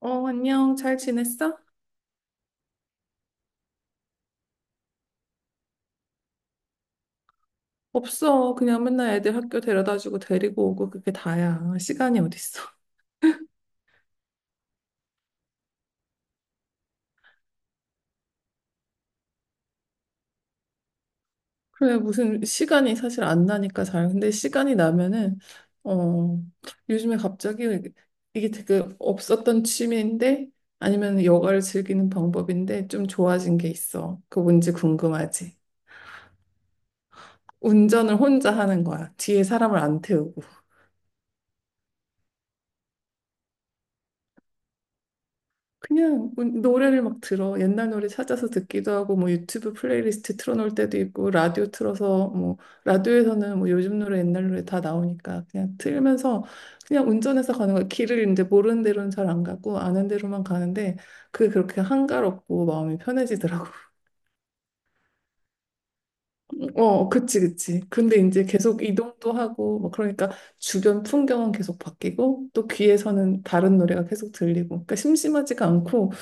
어, 안녕. 잘 지냈어? 없어. 그냥 맨날 애들 학교 데려다주고 데리고 오고 그게 다야. 시간이 어딨어. 그래, 무슨 시간이 사실 안 나니까 잘. 근데 시간이 나면은, 어, 요즘에 갑자기 이게 되게 없었던 취미인데 아니면 여가를 즐기는 방법인데 좀 좋아진 게 있어. 그거 뭔지 궁금하지? 운전을 혼자 하는 거야. 뒤에 사람을 안 태우고. 그냥 뭐 노래를 막 들어. 옛날 노래 찾아서 듣기도 하고, 뭐 유튜브 플레이리스트 틀어놓을 때도 있고, 라디오 틀어서, 뭐, 라디오에서는 뭐 요즘 노래, 옛날 노래 다 나오니까 그냥 틀면서 그냥 운전해서 가는 거야. 길을 이제 모르는 대로는 잘 안 가고, 아는 대로만 가는데, 그게 그렇게 한가롭고 마음이 편해지더라고. 어, 그치, 그치. 근데 이제 계속 이동도 하고, 뭐 그러니까 주변 풍경은 계속 바뀌고, 또 귀에서는 다른 노래가 계속 들리고, 그러니까 심심하지가 않고,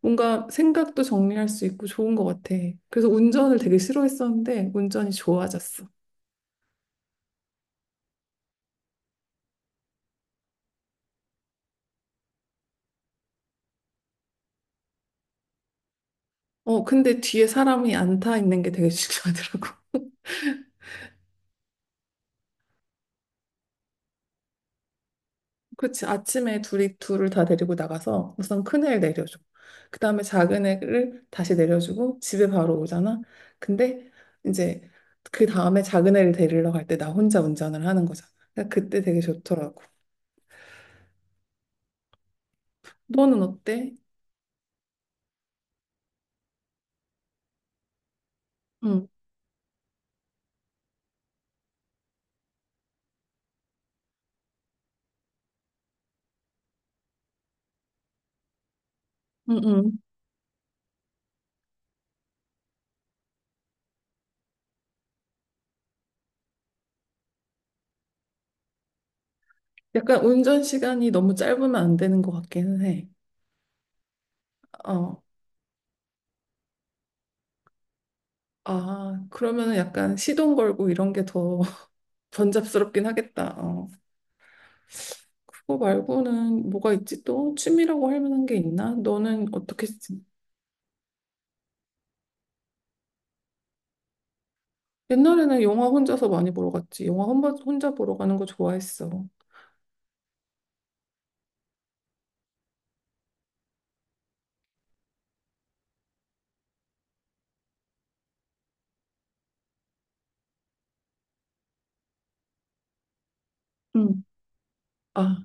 뭔가 생각도 정리할 수 있고 좋은 것 같아. 그래서 운전을 되게 싫어했었는데 운전이 좋아졌어. 어, 근데 뒤에 사람이 안 타 있는 게 되게 중요하더라고. 그렇지. 아침에 둘이 둘을 다 데리고 나가서 우선 큰 애를 내려줘. 그 다음에 작은 애를 다시 내려주고 집에 바로 오잖아. 근데 이제 그 다음에 작은 애를 데리러 갈 때 나 혼자 운전을 하는 거잖아. 그러니까 그때 되게 좋더라고. 너는 어때? 응, 응, 응. 약간 운전 시간이 너무 짧으면 안 되는 것 같기는 해. 어. 아, 그러면은 약간 시동 걸고 이런 게 더 번잡스럽긴 하겠다. 어, 그거 말고는 뭐가 있지? 또 취미라고 할 만한 게 있나? 너는 어떻게 했지? 옛날에는 영화 혼자서 많이 보러 갔지. 영화 혼자, 혼자 보러 가는 거 좋아했어. 응, 아,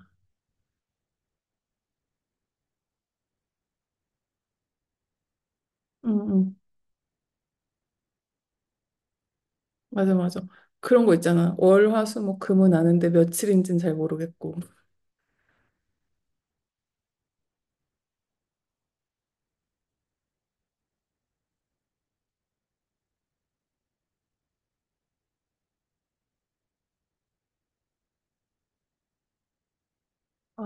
응, 응. 맞아, 맞아. 그런 거 있잖아. 월, 화, 수, 목, 금은 아는데 며칠인지는 잘 모르겠고. 아,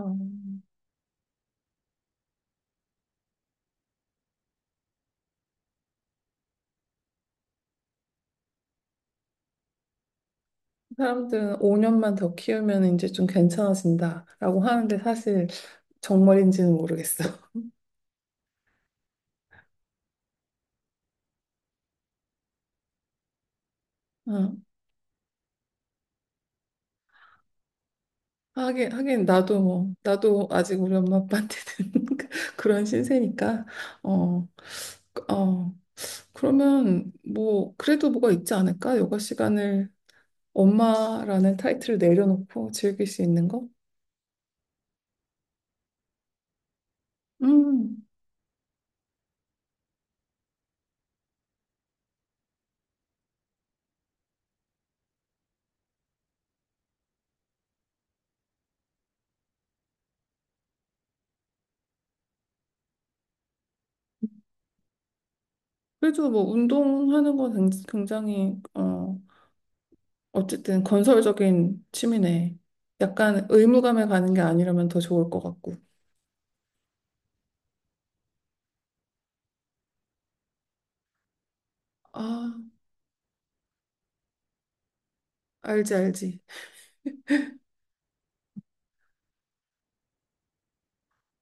사람들은 5년만 더 키우면 이제 좀 괜찮아진다라고 하는데 사실 정말인지는 모르겠어. 하긴, 하긴, 나도 뭐, 나도 아직 우리 엄마 아빠한테는 그런 신세니까, 어, 그, 어, 그러면 뭐, 그래도 뭐가 있지 않을까? 여가 시간을 엄마라는 타이틀을 내려놓고 즐길 수 있는 거? 음, 그래도 뭐, 운동하는 거 굉장히, 어쨌든 건설적인 취미네. 약간 의무감에 가는 게 아니라면 더 좋을 것 같고. 아, 알지, 알지.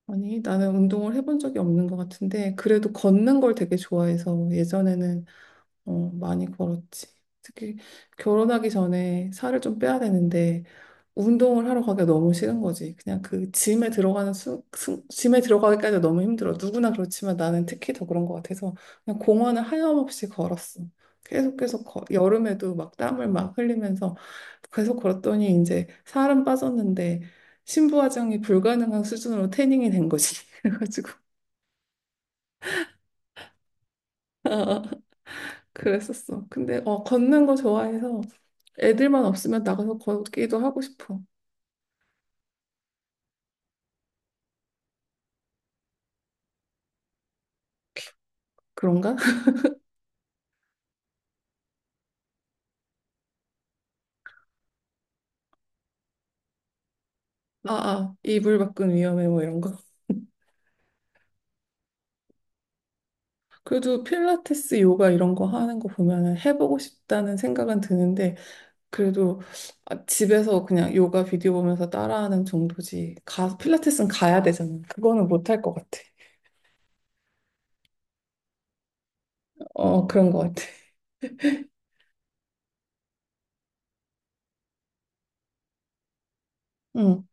아니, 나는 운동을 해본 적이 없는 것 같은데, 그래도 걷는 걸 되게 좋아해서 예전에는 많이 걸었지. 특히 결혼하기 전에 살을 좀 빼야 되는데, 운동을 하러 가기가 너무 싫은 거지. 그냥 그 짐에 들어가는 짐에 들어가기까지 너무 힘들어. 누구나 그렇지만 나는 특히 더 그런 것 같아서 그냥 공원을 하염없이 걸었어. 계속 계속 여름에도 막 땀을 막 흘리면서 계속 걸었더니 이제 살은 빠졌는데 신부화장이 불가능한 수준으로 태닝이 된 거지. 그래가지고 그랬었어. 근데 걷는 거 좋아해서 애들만 없으면 나가서 걷기도 하고 싶어. 그런가? 아, 아, 이불 밖은 위험해 뭐 이런 거. 그래도 필라테스, 요가 이런 거 하는 거 보면은 해보고 싶다는 생각은 드는데 그래도 아, 집에서 그냥 요가 비디오 보면서 따라하는 정도지 가 필라테스는 가야 되잖아. 그거는 못할 것 같아. 어 그런 것 같아. 응.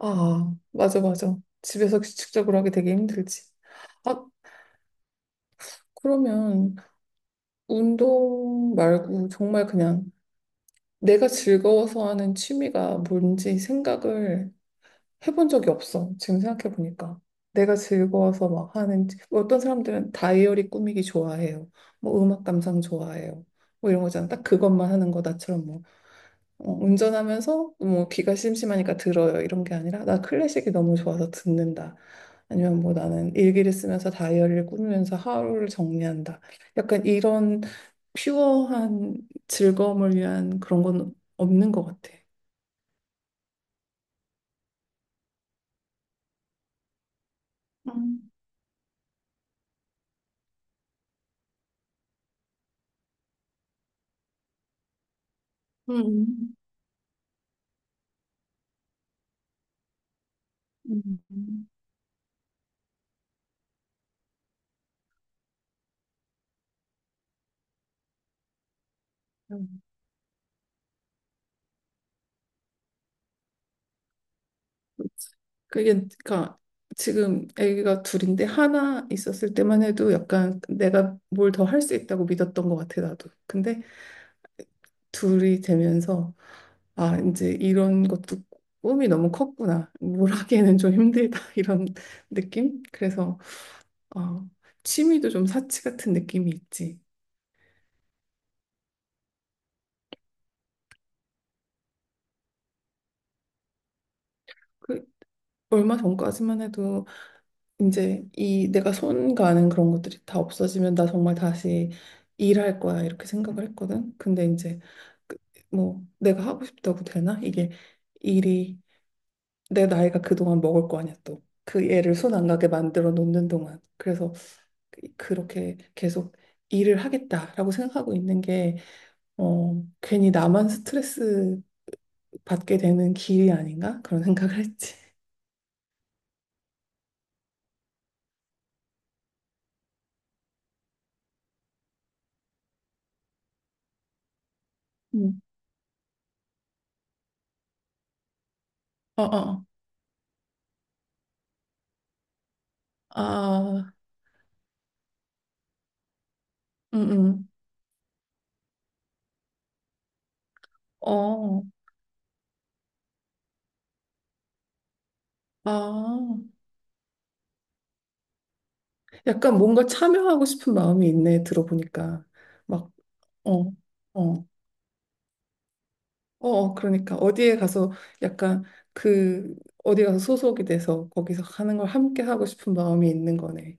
아 맞아 맞아. 집에서 규칙적으로 하기 되게 힘들지. 아 그러면 운동 말고 정말 그냥 내가 즐거워서 하는 취미가 뭔지 생각을 해본 적이 없어. 지금 생각해보니까. 내가 즐거워서 막 하는, 뭐 어떤 사람들은 다이어리 꾸미기 좋아해요. 뭐 음악 감상 좋아해요. 뭐 이런 거잖아. 딱 그것만 하는 거. 나처럼 뭐, 운전하면서 뭐 귀가 심심하니까 들어요. 이런 게 아니라 나 클래식이 너무 좋아서 듣는다. 아니면 뭐 나는 일기를 쓰면서 다이어리를 꾸미면서 하루를 정리한다. 약간 이런 퓨어한 즐거움을 위한 그런 건 없는 것 같아. 음, 음, 음. 음. 그게 그러니까 지금 아기가 둘인데 하나 있었을 때만 해도 약간 내가 뭘 더 할 수 있다고 믿었던 것 같아 나도. 근데 둘이 되면서 아 이제 이런 것도 꿈이 너무 컸구나. 뭘 하기에는 좀 힘들다 이런 느낌. 그래서 아 취미도 좀 사치 같은 느낌이 있지. 그 얼마 전까지만 해도 이제 이 내가 손 가는 그런 것들이 다 없어지면 나 정말 다시 일할 거야 이렇게 생각을 했거든. 근데 이제 그- 뭐 내가 하고 싶다고 되나? 이게 일이 내 나이가 그동안 먹을 거 아니야 또. 그 애를 손 안 가게 만들어 놓는 동안. 그래서 그렇게 계속 일을 하겠다라고 생각하고 있는 게 괜히 나만 스트레스 받게 되는 길이 아닌가? 그런 생각을 했지. 음. 어, 어, 어. 아, 음, 음. 어. 아, 약간 뭔가 참여하고 싶은 마음이 있네, 들어보니까. 막, 어, 어, 어, 그러니까 어디에 가서 약간 그, 어디 가서 소속이 돼서 거기서 하는 걸 함께 하고 싶은 마음이 있는 거네.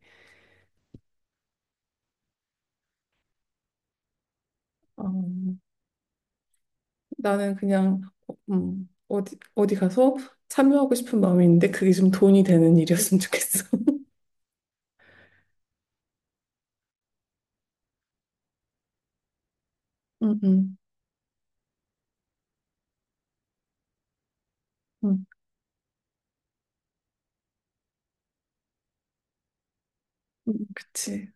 어, 나는 그냥, 어디 가서 참여하고 싶은 마음이 있는데 그게 좀 돈이 되는 일이었으면 좋겠어. 응, 응, 응, 응, 그치.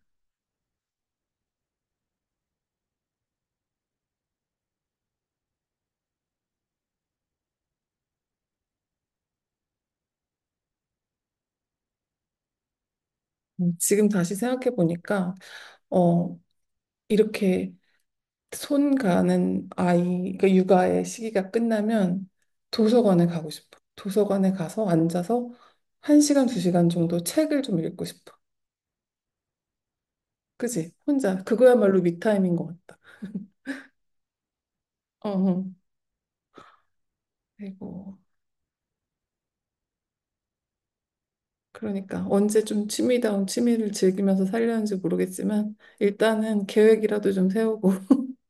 지금 다시 생각해보니까, 어, 이렇게 손 가는 아이, 그러니까 육아의 시기가 끝나면 도서관에 가고 싶어. 도서관에 가서 앉아서 한시간두시간 정도 책을 좀 읽고 싶어. 그지? 혼자. 그거야말로 미타임인 것 같다. 어, 어. 그리고, 그러니까 언제 좀 취미다운 취미를 즐기면서 살려는지 모르겠지만, 일단은 계획이라도 좀 세우고.